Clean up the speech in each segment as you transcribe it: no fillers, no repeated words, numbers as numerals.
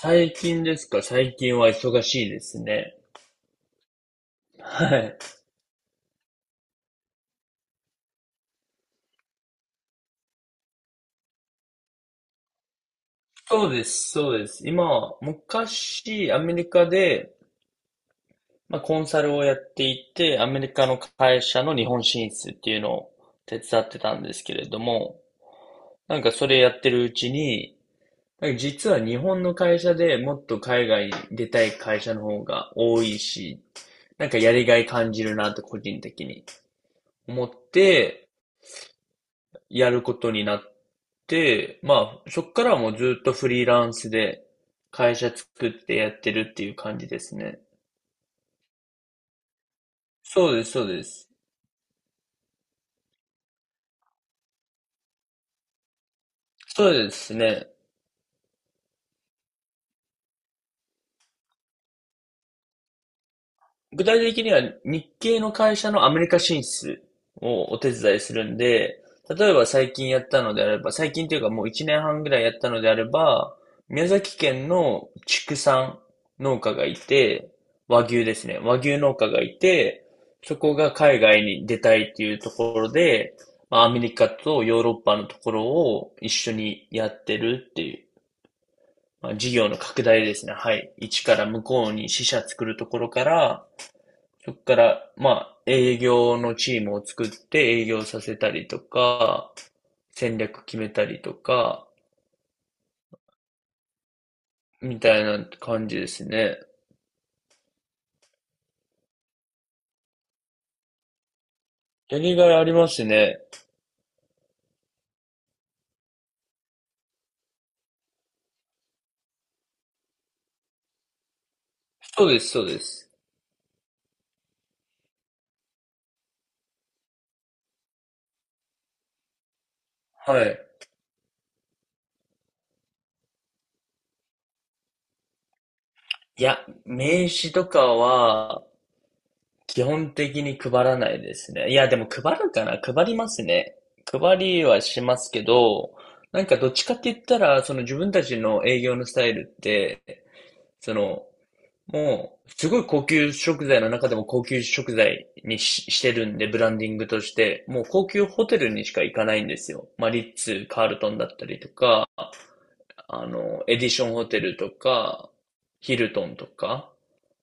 最近ですか。最近は忙しいですね。はい。そうです、そうです。今は、昔、アメリカで、まあ、コンサルをやっていて、アメリカの会社の日本進出っていうのを手伝ってたんですけれども、なんかそれやってるうちに、なんか実は日本の会社でもっと海外に出たい会社の方が多いし、なんかやりがい感じるなと個人的に思って、やることになって、まあ、そっからはもうずっとフリーランスで会社作ってやってるっていう感じですね。そうです、そうです。そうですね。具体的には日系の会社のアメリカ進出をお手伝いするんで、例えば最近やったのであれば、最近というかもう1年半ぐらいやったのであれば、宮崎県の畜産農家がいて、和牛ですね。和牛農家がいて、そこが海外に出たいっていうところで、まあ、アメリカとヨーロッパのところを一緒にやってるっていう、まあ、事業の拡大ですね。はい。一から向こうに支社作るところから、そっから、まあ、営業のチームを作って営業させたりとか、戦略決めたりとか、みたいな感じですね。やりがいありますね。そうです、そうです。はい。いや、名刺とかは、基本的に配らないですね。いや、でも配るかな。配りますね。配りはしますけど、なんかどっちかって言ったら、その自分たちの営業のスタイルって、そのもう、すごい高級食材の中でも高級食材にしてるんで、ブランディングとして、もう高級ホテルにしか行かないんですよ。まあ、リッツ、カールトンだったりとか、あの、エディションホテルとか、ヒルトンとか、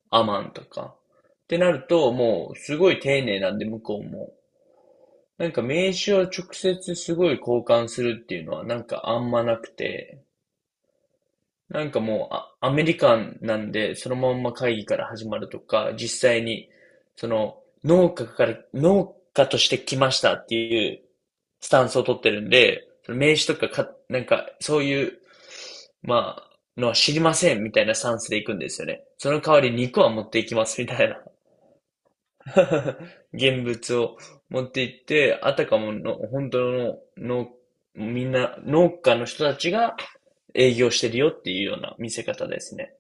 アマンとか。ってなると、もう、すごい丁寧なんで、向こうも。なんか名刺を直接すごい交換するっていうのはなんかあんまなくて、なんかもう、アメリカンなんで、そのまんま会議から始まるとか、実際に、その、農家として来ましたっていうスタンスを取ってるんで、その名刺とか、なんか、そういう、まあ、のは知りませんみたいなスタンスで行くんですよね。その代わり肉は持っていきますみたいな。現物を持って行って、あたかもの、本当の農、みんな農家の人たちが営業してるよっていうような見せ方ですね。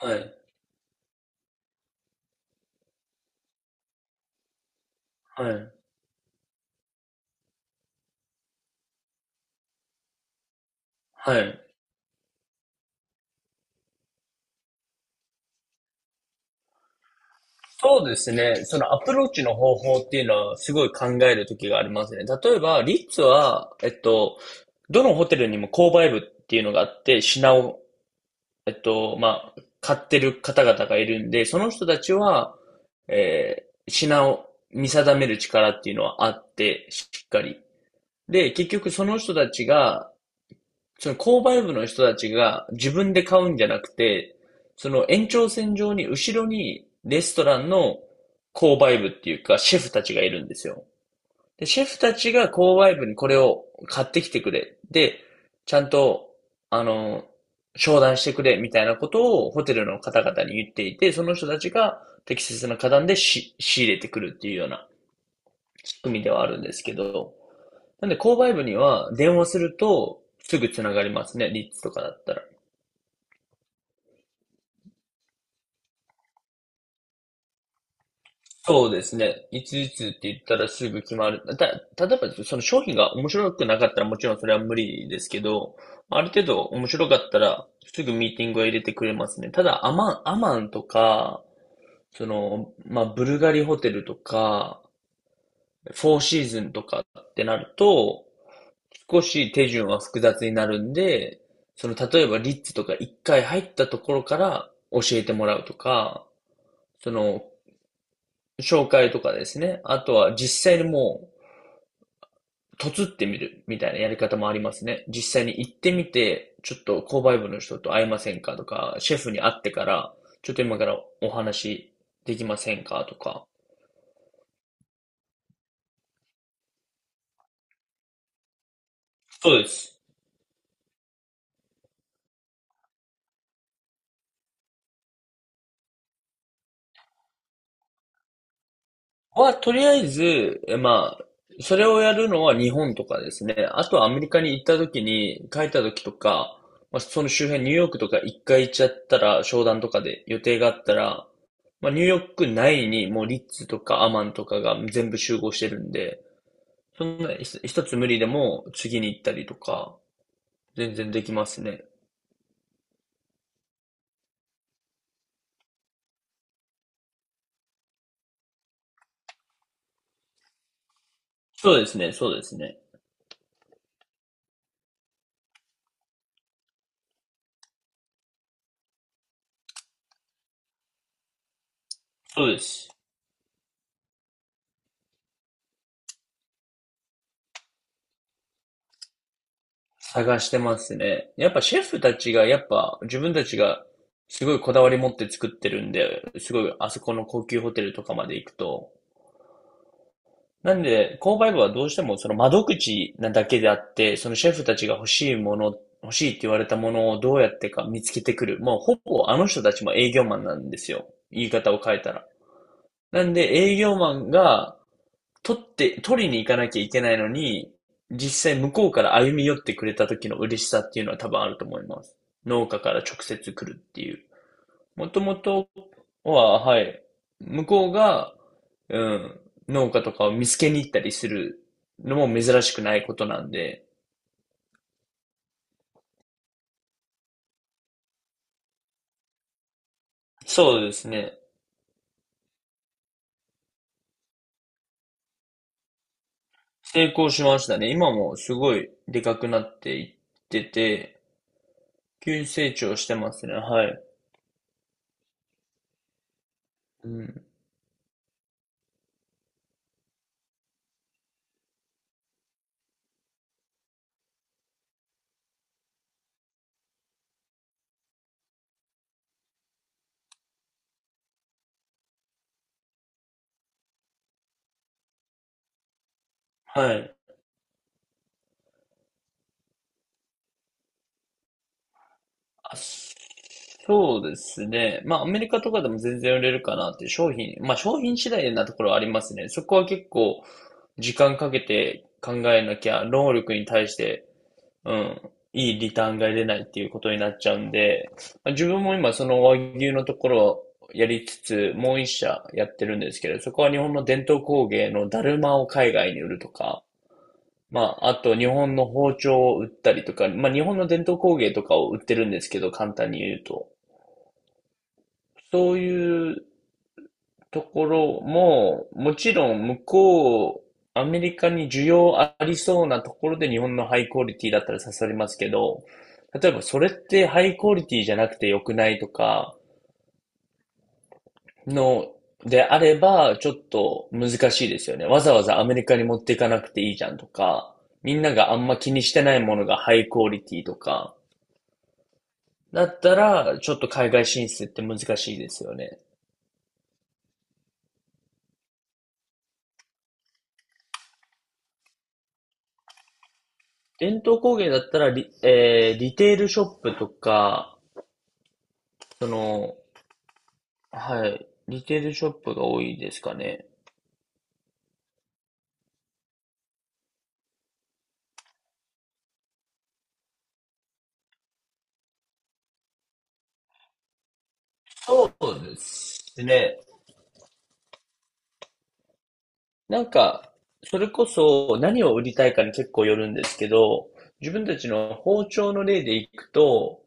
はい。はい。はい。そうですね。そのアプローチの方法っていうのはすごい考える時がありますね。例えば、リッツは、どのホテルにも購買部っていうのがあって、品を、まあ、買ってる方々がいるんで、その人たちは、品を見定める力っていうのはあって、しっかり。で、結局その人たちが、その購買部の人たちが自分で買うんじゃなくて、その延長線上に後ろにレストランの購買部っていうかシェフたちがいるんですよ。で、シェフたちが購買部にこれを買ってきてくれ。で、ちゃんと、あの、商談してくれみたいなことをホテルの方々に言っていて、その人たちが適切な価段で仕入れてくるっていうような仕組みではあるんですけど、なんで購買部には電話するとすぐつながりますね、リッツとかだったら。そうですね。いついつって言ったらすぐ決まる。例えばその商品が面白くなかったらもちろんそれは無理ですけど、ある程度面白かったらすぐミーティングは入れてくれますね。ただアマンとか、その、まあ、ブルガリホテルとか、フォーシーズンとかってなると、少し手順は複雑になるんで、その、例えばリッツとか一回入ったところから教えてもらうとか、その、紹介とかですね。あとは実際にもう、とつってみるみたいなやり方もありますね。実際に行ってみて、ちょっと購買部の人と会えませんかとか、シェフに会ってから、ちょっと今からお話できませんかとか。そうです。とりあえず、まあ、それをやるのは日本とかですね。あとはアメリカに行った時に、帰った時とか、まあ、その周辺、ニューヨークとか一回行っちゃったら、商談とかで予定があったら、まあ、ニューヨーク内にもうリッツとかアマンとかが全部集合してるんで、そんな一つ無理でも次に行ったりとか、全然できますね。そうですね、そうですね。そうです。探してますね。やっぱシェフたちが、やっぱ自分たちがすごいこだわり持って作ってるんで、すごいあそこの高級ホテルとかまで行くと。なんで、購買部はどうしてもその窓口なだけであって、そのシェフたちが欲しいもの、欲しいって言われたものをどうやってか見つけてくる。もうほぼあの人たちも営業マンなんですよ。言い方を変えたら。なんで営業マンが取って、取りに行かなきゃいけないのに、実際向こうから歩み寄ってくれた時の嬉しさっていうのは多分あると思います。農家から直接来るっていう。もともとは、はい、向こうが、うん、農家とかを見つけに行ったりするのも珍しくないことなんで、そうですね。成功しましたね。今もすごいでかくなっていってて、急に成長してますね。はい。うん。はい。あ、そうですね。まあ、アメリカとかでも全然売れるかなっていう商品、まあ、商品次第なところはありますね。そこは結構、時間かけて考えなきゃ、労力に対して、うん、いいリターンが出ないっていうことになっちゃうんで、まあ自分も今その和牛のところをやりつつ、もう一社やってるんですけど、そこは日本の伝統工芸のだるまを海外に売るとか、まあ、あと日本の包丁を売ったりとか、まあ日本の伝統工芸とかを売ってるんですけど、簡単に言うと。そういうところも、もちろん向こう、アメリカに需要ありそうなところで日本のハイクオリティだったら刺さりますけど、例えばそれってハイクオリティじゃなくて良くないとかの、であれば、ちょっと難しいですよね。わざわざアメリカに持っていかなくていいじゃんとか、みんながあんま気にしてないものがハイクオリティとか、だったら、ちょっと海外進出って難しいですよね。伝統工芸だったらリテールショップとか、その、はい、リテールショップが多いですかね。そうですね。なんか、それこそ何を売りたいかに結構よるんですけど、自分たちの包丁の例でいくと、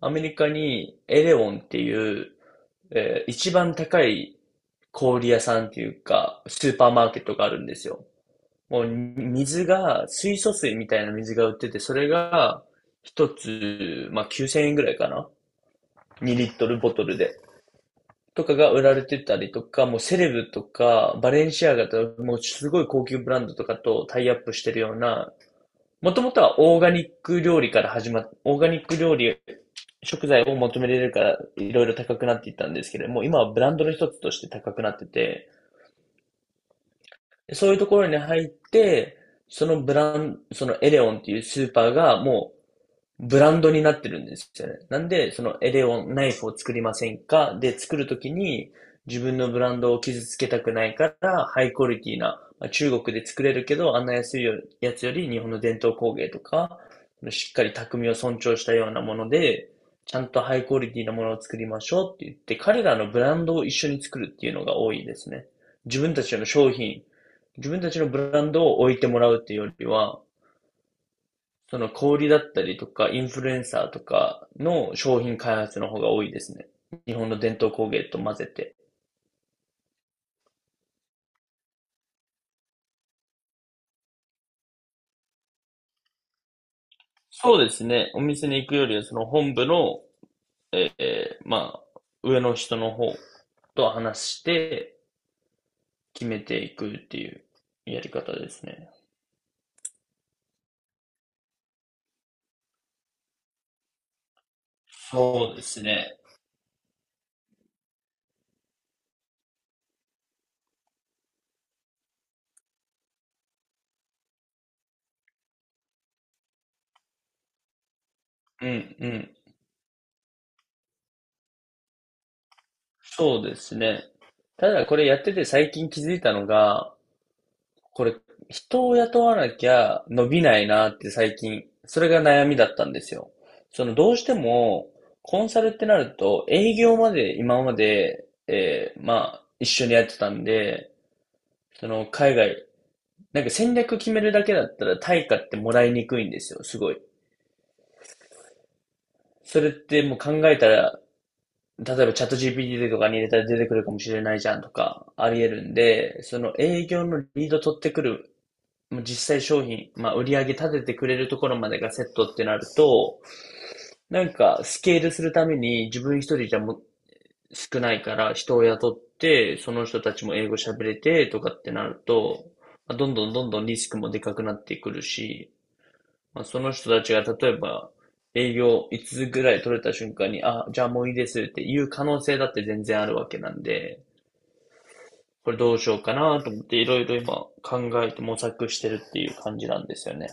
アメリカにエレオンっていう、一番高い小売屋さんっていうか、スーパーマーケットがあるんですよ。もう水が、水素水みたいな水が売ってて、それが一つ、まあ9000円ぐらいかな ?2 リットルボトルで。とかが売られてたりとか、もうセレブとか、バレンシアガとか、もうすごい高級ブランドとかとタイアップしてるような、もともとはオーガニック料理から始まっ、オーガニック料理、食材を求められるから、いろいろ高くなっていったんですけれども、今はブランドの一つとして高くなってて、そういうところに入って、そのブラン、そのエデオンっていうスーパーがブランドになってるんですよね。なんで、そのエデオンナイフを作りませんかで、作るときに自分のブランドを傷つけたくないから、ハイクオリティな、中国で作れるけど、あんな安いやつより日本の伝統工芸とか、しっかり匠を尊重したようなもので、ちゃんとハイクオリティなものを作りましょうって言って、彼らのブランドを一緒に作るっていうのが多いですね。自分たちの商品、自分たちのブランドを置いてもらうっていうよりは、その小売りだったりとか、インフルエンサーとかの商品開発の方が多いですね。日本の伝統工芸と混ぜて。そうですね。お店に行くよりは、その本部の、まあ、上の人の方と話して決めていくっていうやり方ですね。そうですね。うんうん。そうですね。ただこれやってて最近気づいたのが、これ、人を雇わなきゃ伸びないなって最近、それが悩みだったんですよ。その、どうしても、コンサルってなると、営業まで今まで、まあ、一緒にやってたんで、その、海外、なんか戦略決めるだけだったら対価ってもらいにくいんですよ、すごい。それってもう考えたら、例えばチャット GPT とかに入れたら出てくるかもしれないじゃんとか、あり得るんで、その営業のリード取ってくる、もう実際商品、まあ、売り上げ立ててくれるところまでがセットってなると、なんかスケールするために自分一人じゃも少ないから人を雇って、その人たちも英語喋れてとかってなると、まあ、どんどんどんどんリスクもでかくなってくるし、まあ、その人たちが例えば営業5つぐらい取れた瞬間に、あ、じゃあもういいですっていう可能性だって全然あるわけなんで、これどうしようかなと思っていろいろ今考えて模索してるっていう感じなんですよね。